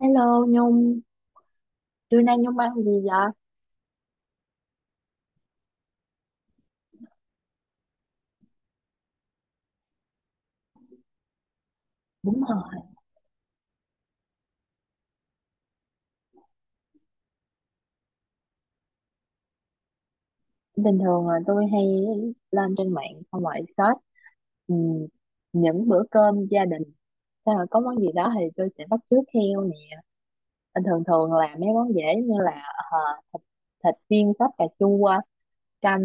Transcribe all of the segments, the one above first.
Hello Nhung, trưa nay Nhung ăn gì vậy? Đúng rồi. Bình thường là tôi hay lên trên mạng xong rồi search ừm, những bữa cơm gia đình. Xong rồi có món gì đó thì tôi sẽ bắt chước theo nè. Bình thường thường là mấy món dễ như là ờ, thịt, thịt viên sắp cà chua, canh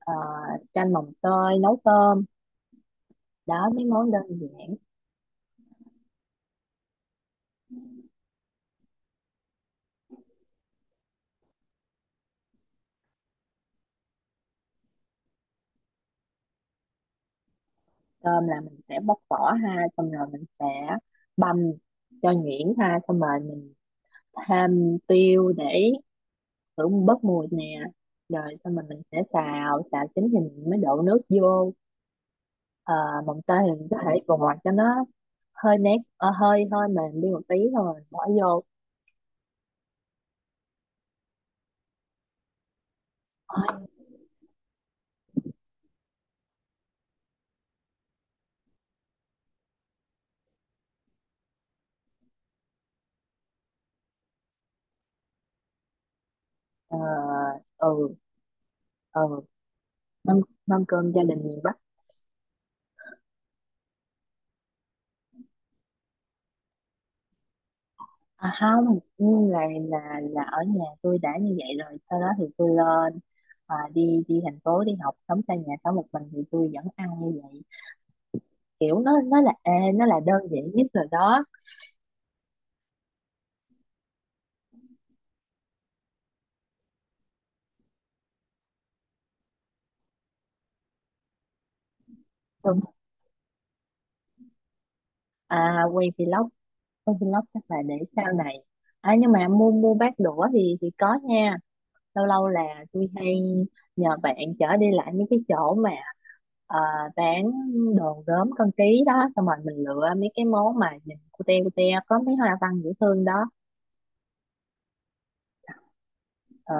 ờ, canh mồng tơi, nấu cơm. Đó mấy món đơn giản. Cơm là mình sẽ bóc vỏ ha, xong rồi mình sẽ băm cho nhuyễn ha, xong rồi mình thêm tiêu để hưởng bớt mùi nè rồi xong rồi mình sẽ xào xào chín thì mình mới đổ nước vô. Ờ, mồng tơi thì mình có thể vò cho nó hơi nét hơi hơi mềm đi một tí rồi mình bỏ vô. Ôi, ờ, ừ, ừ, mâm mâm cơm gia đình miền Bắc. À, không nhưng là là ở nhà tôi đã như vậy rồi, sau đó thì tôi lên, à, đi đi thành phố đi học, sống xa nhà sống một mình thì tôi vẫn ăn như vậy. Kiểu nó là ê, nó là đơn giản nhất rồi đó. À, quay vlog chắc là để sau này. À, nhưng mà mua mua bát đũa thì có nha. Lâu lâu là tôi hay nhờ bạn chở đi lại mấy cái chỗ mà ờ, bán đồ gốm con tí đó, xong rồi mình lựa mấy cái món mà nhìn cute cute có mấy hoa văn dễ thương đó. Ờ,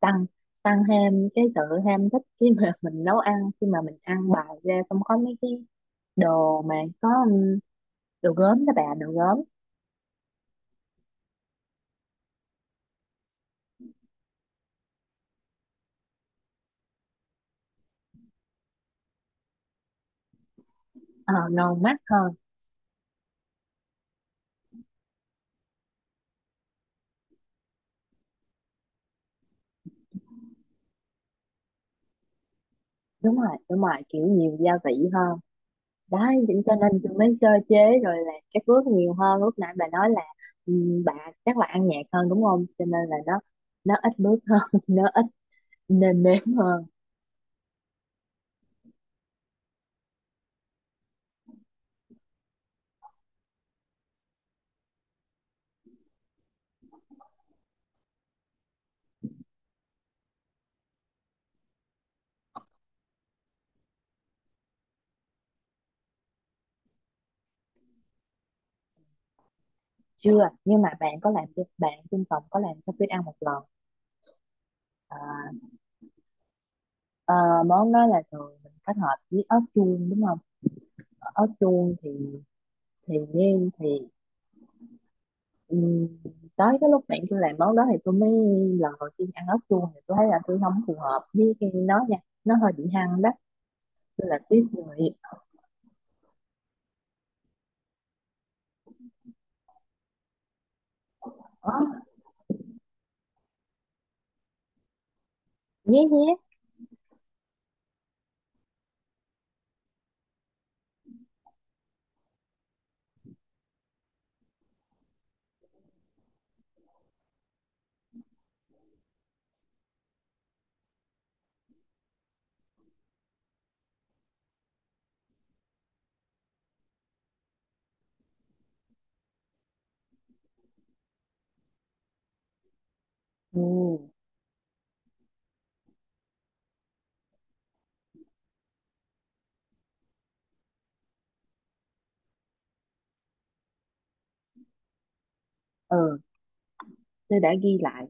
tăng tăng thêm cái sự ham thích khi mà mình nấu ăn, khi mà mình ăn bài ra xong có mấy cái đồ mà có đồ gốm đó bà, đồ gốm. Ờ, ngon mắt hơn. Đúng rồi, đúng rồi, kiểu nhiều gia vị hơn, đấy chính cho nên tôi mới sơ chế rồi là các bước nhiều hơn lúc nãy bà nói là ừ, bà chắc là ăn nhạt hơn đúng không, cho nên là nó ít bước hơn nó ít nêm nếm hơn. Chưa, nhưng mà bạn có làm, cho bạn trên phòng có làm cho tôi ăn một lần. À, ờ, món đó là thường mình kết hợp với ớt chuông đúng không. Ở ớt chuông thì thì nêm. Ừ, tới cái lúc bạn tôi làm món đó thì tôi mới lần đầu tiên ăn ốc chuông thì tôi thấy là tôi không phù hợp với cái nó nha, nó hơi bị hăng đó. Tôi là tuyết người. Ờ, nhé nhé. Ừ, ừ, tôi đã ghi lại.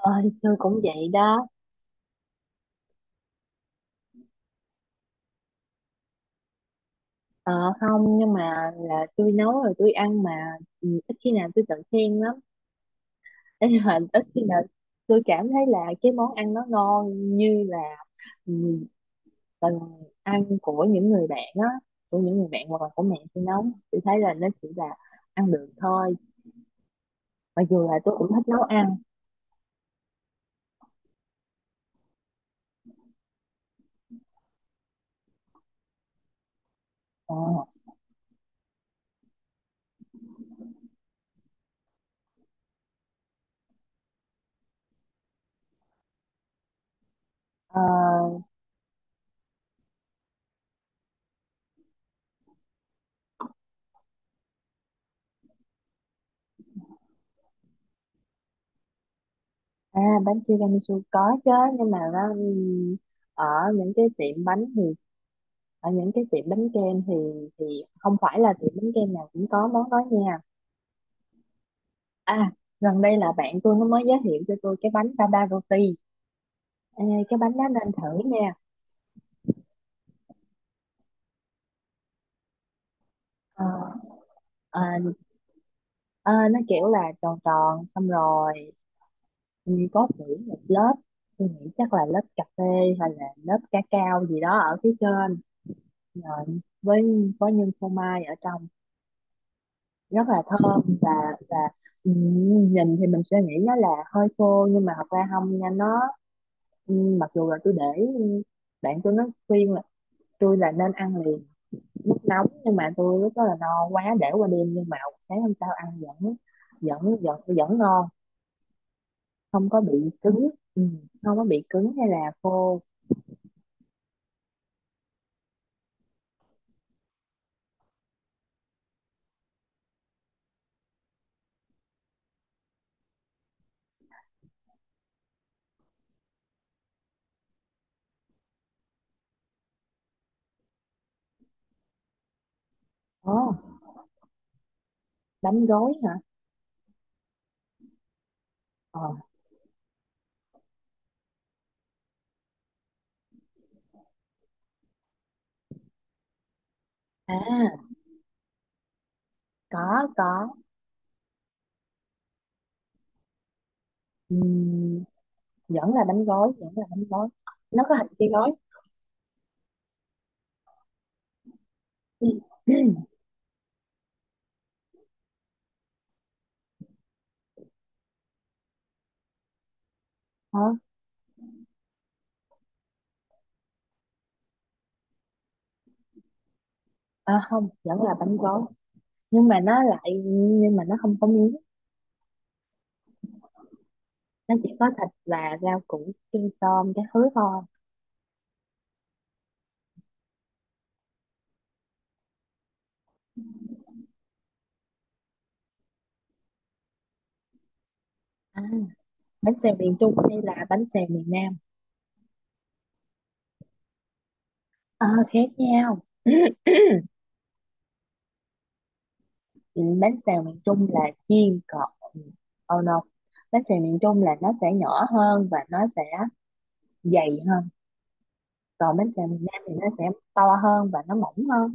Ờ, thì tôi cũng vậy đó. Ờ, không nhưng mà là tôi nấu rồi tôi ăn mà. Ừ, ít khi nào tôi tự khen lắm. Thế nhưng mà ít khi nào tôi cảm thấy là cái món ăn nó ngon như là ừ, là ăn của những người bạn á, của những người bạn hoặc là của mẹ tôi nấu, tôi thấy là nó chỉ là ăn được thôi, mặc dù là tôi cũng thích nấu ăn. Ờ, ờ, à bánh tiramisu có chứ, nhưng mà nó ở những cái tiệm bánh thì ở những cái tiệm bánh kem thì thì không phải là tiệm bánh kem nào cũng có món đó nha. À, gần đây là bạn tôi nó mới giới thiệu cho tôi cái bánh baba roti. Ê, cái bánh đó nên thử nha. Ờ, ờ, ờ, nó kiểu là tròn tròn xong rồi. Ừ, có nghĩ một lớp, tôi nghĩ chắc là lớp cà phê hay là lớp ca cao gì đó ở phía trên, rồi với có nhân phô mai ở trong, rất là thơm và và ừ, nhìn thì mình sẽ nghĩ nó là hơi khô nhưng mà thật ra không nha. Nó ừ, mặc dù là tôi để ừ, bạn tôi nó khuyên là tôi là nên ăn liền lúc nóng, nhưng mà tôi lúc đó là no quá để qua đêm, nhưng mà sáng hôm sau ăn vẫn vẫn ngon, không có bị cứng. Ừ, không có bị cứng hay là khô. Ờ. Bánh gói hả? Ờ, à, có có. Ừm, vẫn là bánh gói, vẫn là bánh gói. Nó có hình cây gói. Ừ. Hả? À, không vẫn là bánh gói, nhưng mà nó lại, nhưng mà nó không có miếng, nó chỉ có thịt và rau củ chân tôm cái thứ thôi. À, bánh xèo miền Trung hay là bánh xèo miền Nam? Ờ, khác nhau. Ừ, bánh xèo miền Trung là chiên cọt, oh no, bánh xèo miền Trung là nó sẽ nhỏ hơn và nó sẽ dày hơn, còn bánh xèo miền Nam thì nó sẽ to hơn và nó mỏng hơn.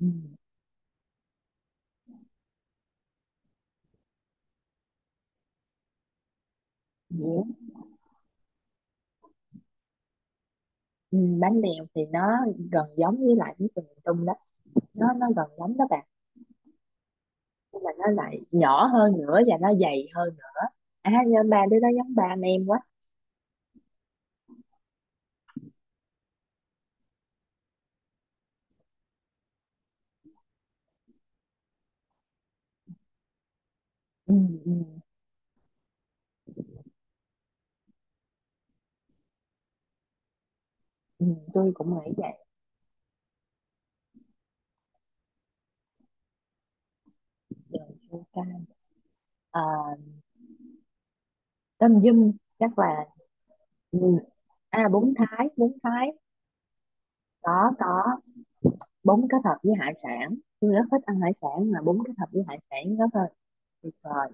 Ừ, dĩa. Ừ, bánh bèo thì nó gần giống với lại bánh xèo miền Trung đó, nó gần giống đó bạn. Nhưng mà nó lại nhỏ hơn nữa và nó dày hơn nữa. À nhưng ba đứa đó giống ba anh em quá. Ừ, ừ, ừ, tôi cũng nghĩ vậy. Rồi, chua cay. À, tôm dung, chắc là ừ. À, bún Thái. Có, bún kết hợp với hải sản, tôi rất thích ăn hải sản, mà bún kết hợp với hải sản rất là tuyệt vời.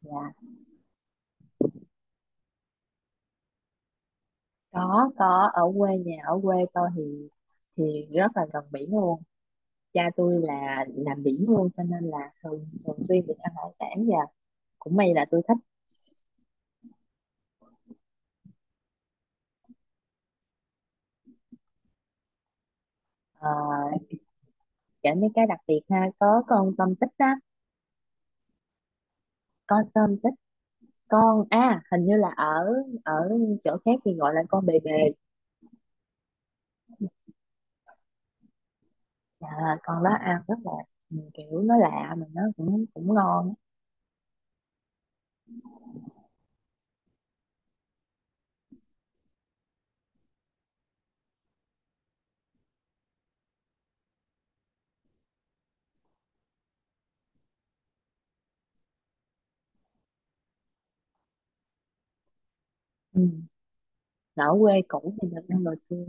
Dạ. Có, ở quê nhà, ở quê tôi thì rất là gần biển luôn. Cha tôi là làm biển luôn cho nên là thường thường xuyên được ăn hải sản, và cũng may là tôi thích. Ờ, kể mấy cái đặc biệt ha, có con tôm tích á. Con tôm tích, con, à hình như là ở ở chỗ khác thì gọi là con bề bề. À, con đó ăn rất là ừ, kiểu nó lạ mà nó cũng cũng ngon á. Ừ. Ở quê cũ thì được ăn đồ tươi.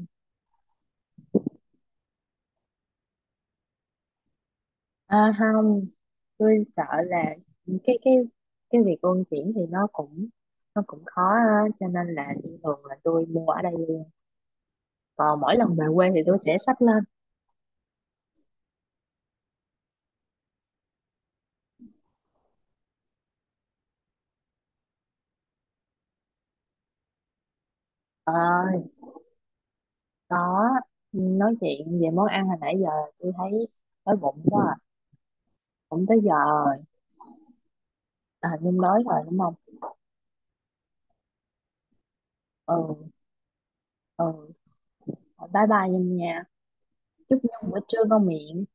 À, không, tôi sợ là cái cái cái việc luân chuyển thì nó cũng khó á, cho nên là thường là tôi mua ở đây luôn, còn mỗi lần về quê thì tôi sẽ xách lên. Ờ, có. Nói chuyện về món ăn hồi nãy giờ tôi thấy đói bụng quá à. Cũng tới giờ rồi. À, Nhung đói rồi đúng không? Ừ, ừ. Thôi, bye bye Nhung nha, chúc Nhung bữa trưa ngon miệng.